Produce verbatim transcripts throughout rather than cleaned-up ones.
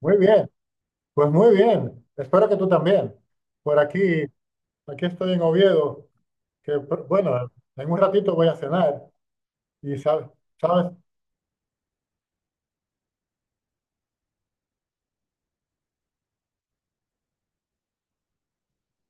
Muy bien, pues muy bien. Espero que tú también. Por aquí, aquí estoy en Oviedo, que pr- bueno, en un ratito voy a cenar y sabes, sabes,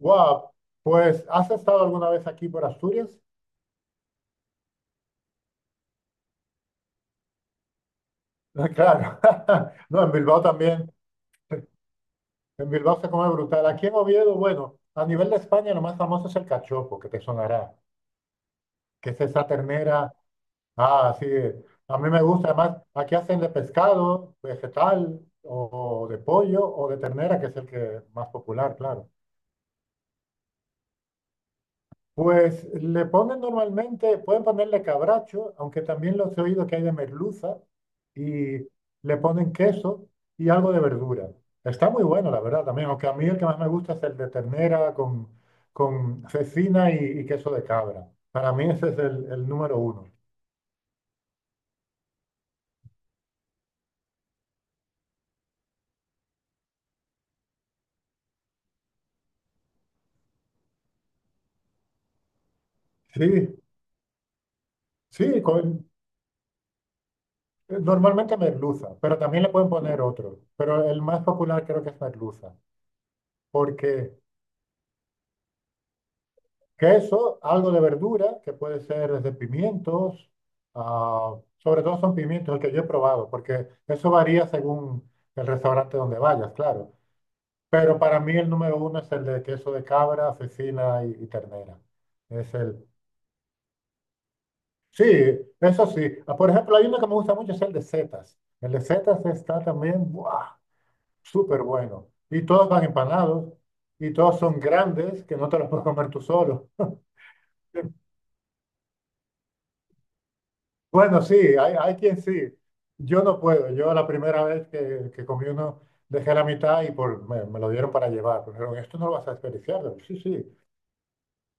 wow, pues ¿has estado alguna vez aquí por Asturias? Claro, no, en Bilbao también, en Bilbao se come brutal. Aquí en Oviedo, bueno, a nivel de España lo más famoso es el cachopo, que te sonará, que es esa ternera. Ah, sí. A mí me gusta. Además, aquí hacen de pescado, vegetal, o, de pollo, o de ternera, que es el que más popular, claro. Pues le ponen normalmente, pueden ponerle cabracho, aunque también los he oído que hay de merluza, y le ponen queso y algo de verdura. Está muy bueno, la verdad, también. Aunque a mí el que más me gusta es el de ternera con, con cecina y, y queso de cabra. Para mí ese es el, el número uno. Sí, sí, con- normalmente merluza, pero también le pueden poner otro. Pero el más popular creo que es merluza. Porque queso, algo de verdura, que puede ser desde pimientos, ah, sobre todo son pimientos, el que yo he probado, porque eso varía según el restaurante donde vayas, claro. Pero para mí el número uno es el de queso de cabra, cecina y, y ternera. Es el... Sí, eso sí. Ah, por ejemplo, hay uno que me gusta mucho, es el de setas. El de setas está también... ¡buah! Súper bueno. Y todos van empanados y todos son grandes que no te los puedes comer tú solo. Bueno, sí, hay, hay quien sí. Yo no puedo. Yo la primera vez que, que comí uno dejé la mitad y por, me, me lo dieron para llevar. Pero dijeron, esto no lo vas a desperdiciar. Digo, sí, sí.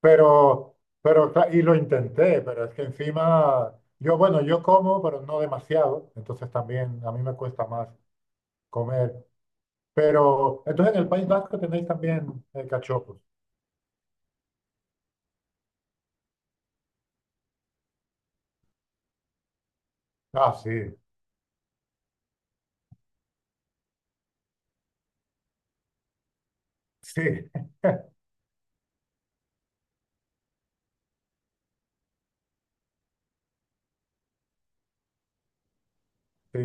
Pero, pero, cla- y lo intenté, pero es que encima, yo, bueno, yo como, pero no demasiado. Entonces también a mí me cuesta más comer. Pero, entonces en el País Vasco tenéis también, eh, cachopos. Ah, sí, sí. Sí,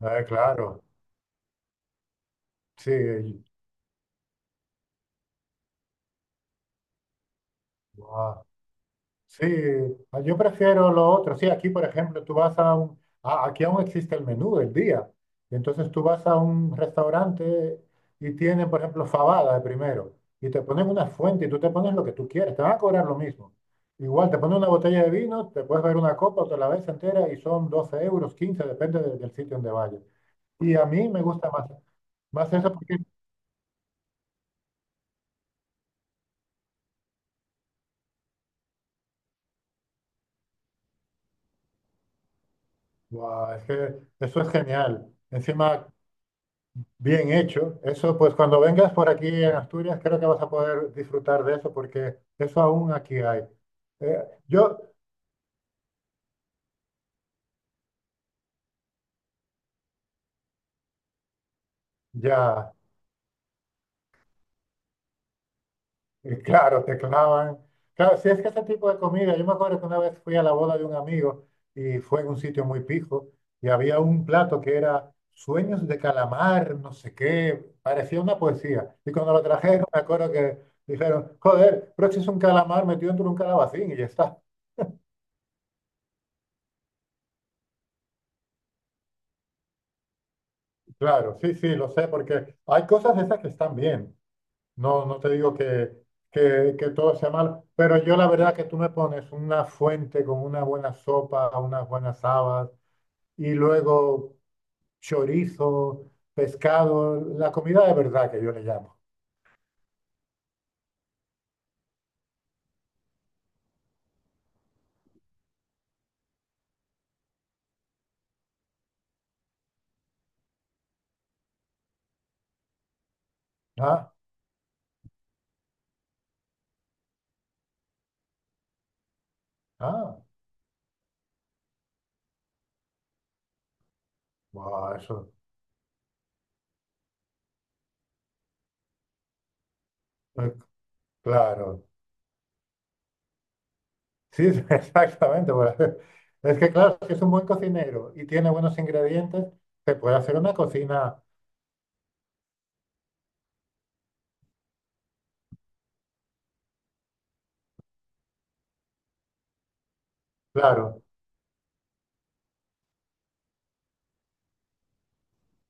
ah, claro, sí, y- ah, sí, ah, yo prefiero lo otro. Sí, aquí, por ejemplo, tú vas a un, a- aquí aún existe el menú del día. Entonces tú vas a un restaurante y tienen, por ejemplo, fabada de primero y te ponen una fuente y tú te pones lo que tú quieres, te van a cobrar lo mismo. Igual te ponen una botella de vino, te puedes ver una copa o te la ves entera y son doce euros, quince depende de- del sitio donde vayas. Y a mí me gusta más, más eso porque, guau, es que eso es genial. Encima bien hecho. Eso, pues cuando vengas por aquí en Asturias, creo que vas a poder disfrutar de eso porque eso aún aquí hay. Eh, yo, ya, eh, claro, te clavan. Claro, si es que ese tipo de comida, yo me acuerdo que una vez fui a la boda de un amigo y fue en un sitio muy pijo y había un plato que era sueños de calamar, no sé qué, parecía una poesía. Y cuando lo trajeron, me acuerdo que dijeron, joder, pero si es un calamar metido dentro de un calabacín y ya está. Claro, sí, sí, lo sé, porque hay cosas de esas que están bien. No, no te digo que, que, que todo sea mal, pero yo la verdad que tú me pones una fuente con una buena sopa, unas buenas habas y luego chorizo, pescado, la comida de verdad que yo le llamo. Ah, ah, buah, eso, eh, claro. Sí, sí, exactamente. Bueno, es que claro, si es un buen cocinero y tiene buenos ingredientes, se puede hacer una cocina, claro,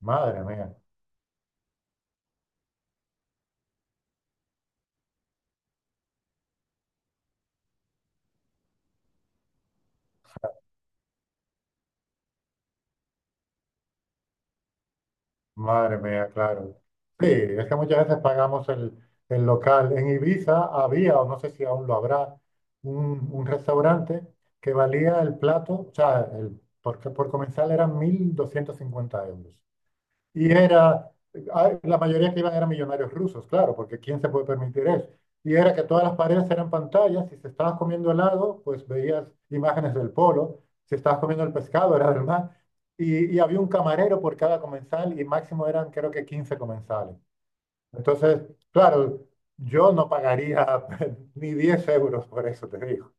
madre mía. Madre mía, claro. Sí, es que muchas veces pagamos el, el, local. En Ibiza había, o no sé si aún lo habrá, un, un restaurante que valía el plato, o sea, el, por, por comensal eran mil doscientos cincuenta euros. Y era, ah, la mayoría que iban eran millonarios rusos, claro, porque ¿quién se puede permitir eso? Y era que todas las paredes eran pantallas, si se estabas comiendo helado, pues veías imágenes del polo, si estabas comiendo el pescado, era del mar, y, y había un camarero por cada comensal y máximo eran creo que quince comensales. Entonces, claro, yo no pagaría ni diez euros por eso, te digo,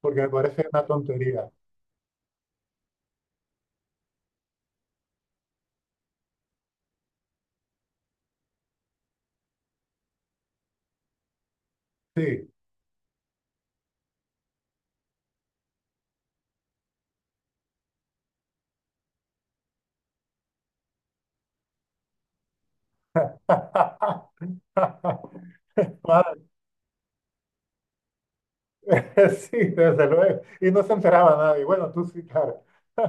porque me parece una tontería. Sí. Más. Sí, desde luego. Y no se enteraba nadie. Bueno, tú sí, claro.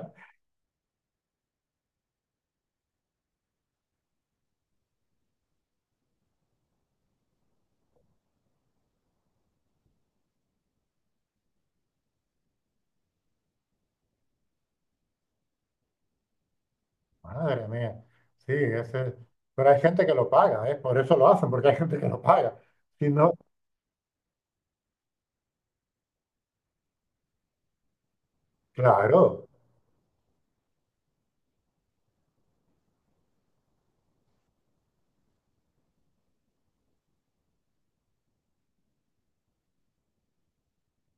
Madre mía. Sí, ese... pero hay gente que lo paga, ¿eh? Por eso lo hacen, porque hay gente que lo paga. Si no, claro,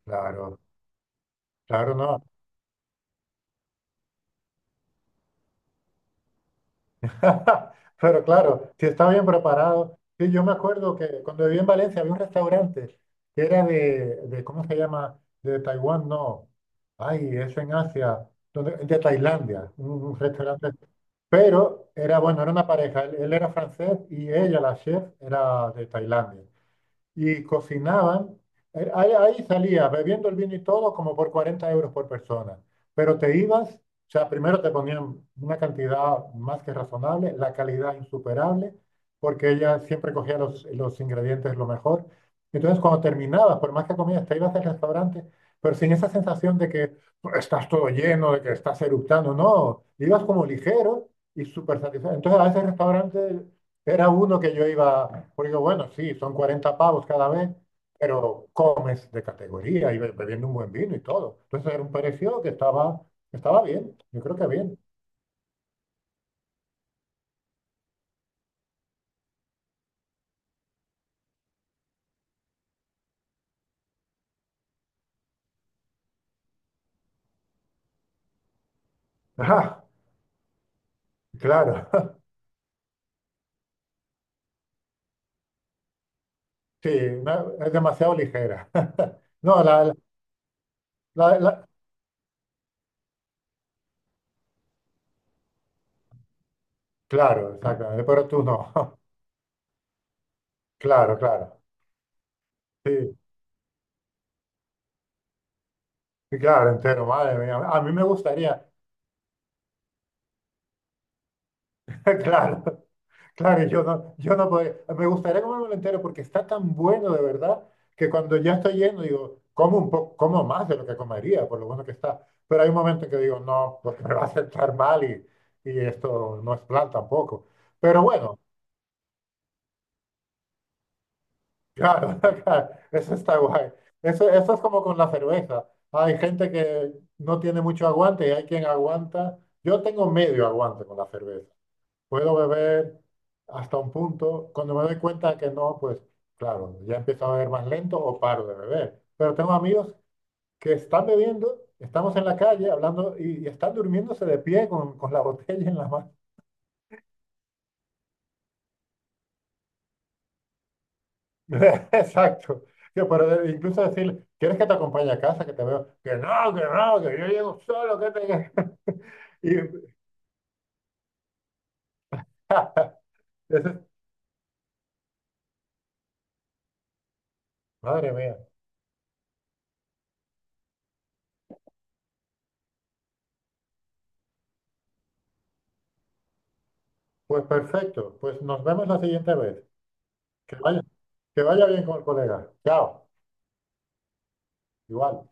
claro, claro, no. Pero claro, si está bien preparado. Sí, yo me acuerdo que cuando viví en Valencia había un restaurante que era de, de ¿cómo se llama? De Taiwán, no. Ay, es en Asia, donde, de Tailandia. Un, un, restaurante. Pero era, bueno, era una pareja. Él, él era francés y ella, la chef, era de Tailandia y cocinaban. eh, Ahí, ahí salías bebiendo el vino y todo como por cuarenta euros por persona. Pero te ibas, o sea, primero te ponían una cantidad más que razonable, la calidad insuperable, porque ella siempre cogía los, los ingredientes lo mejor. Entonces, cuando terminabas, por más que comías, te ibas al restaurante, pero sin esa sensación de que pues, estás todo lleno, de que estás eructando, no, ibas como ligero y súper satisfecho. Entonces, a ese restaurante era uno que yo iba porque bueno, sí, son cuarenta pavos cada vez, pero comes de categoría y be- bebiendo un buen vino y todo. Entonces era un precio que estaba, estaba bien, yo creo que bien. Ah, claro, sí, una... es demasiado ligera. No, la, la- la- la- claro, exactamente, pero tú no. Claro, claro, sí, sí, claro, entero, madre mía. A mí me gustaría, claro. Claro, yo no, yo no podría. Me gustaría comérmelo entero porque está tan bueno de verdad que cuando ya estoy lleno digo, como un poco, como más de lo que comería, por lo bueno que está. Pero hay un momento en que digo, no, porque me va a sentar mal y, y esto no es plan tampoco. Pero bueno, claro, claro, eso está guay. Eso, eso es como con la cerveza. Hay gente que no tiene mucho aguante y hay quien aguanta. Yo tengo medio aguante con la cerveza. Puedo beber hasta un punto. Cuando me doy cuenta que no, pues claro, ya empiezo a beber más lento o paro de beber. Pero tengo amigos que están bebiendo, estamos en la calle hablando y, y están durmiéndose de pie con, con, la botella en la mano. Exacto. Yo, pero de- incluso decir, ¿quieres que te acompañe a casa, que te veo? Que no, que no, que yo llego solo, que te... Y, eso es- madre mía. Pues perfecto. Pues nos vemos la siguiente vez. Que vaya, que vaya bien con el colega. Chao. Igual.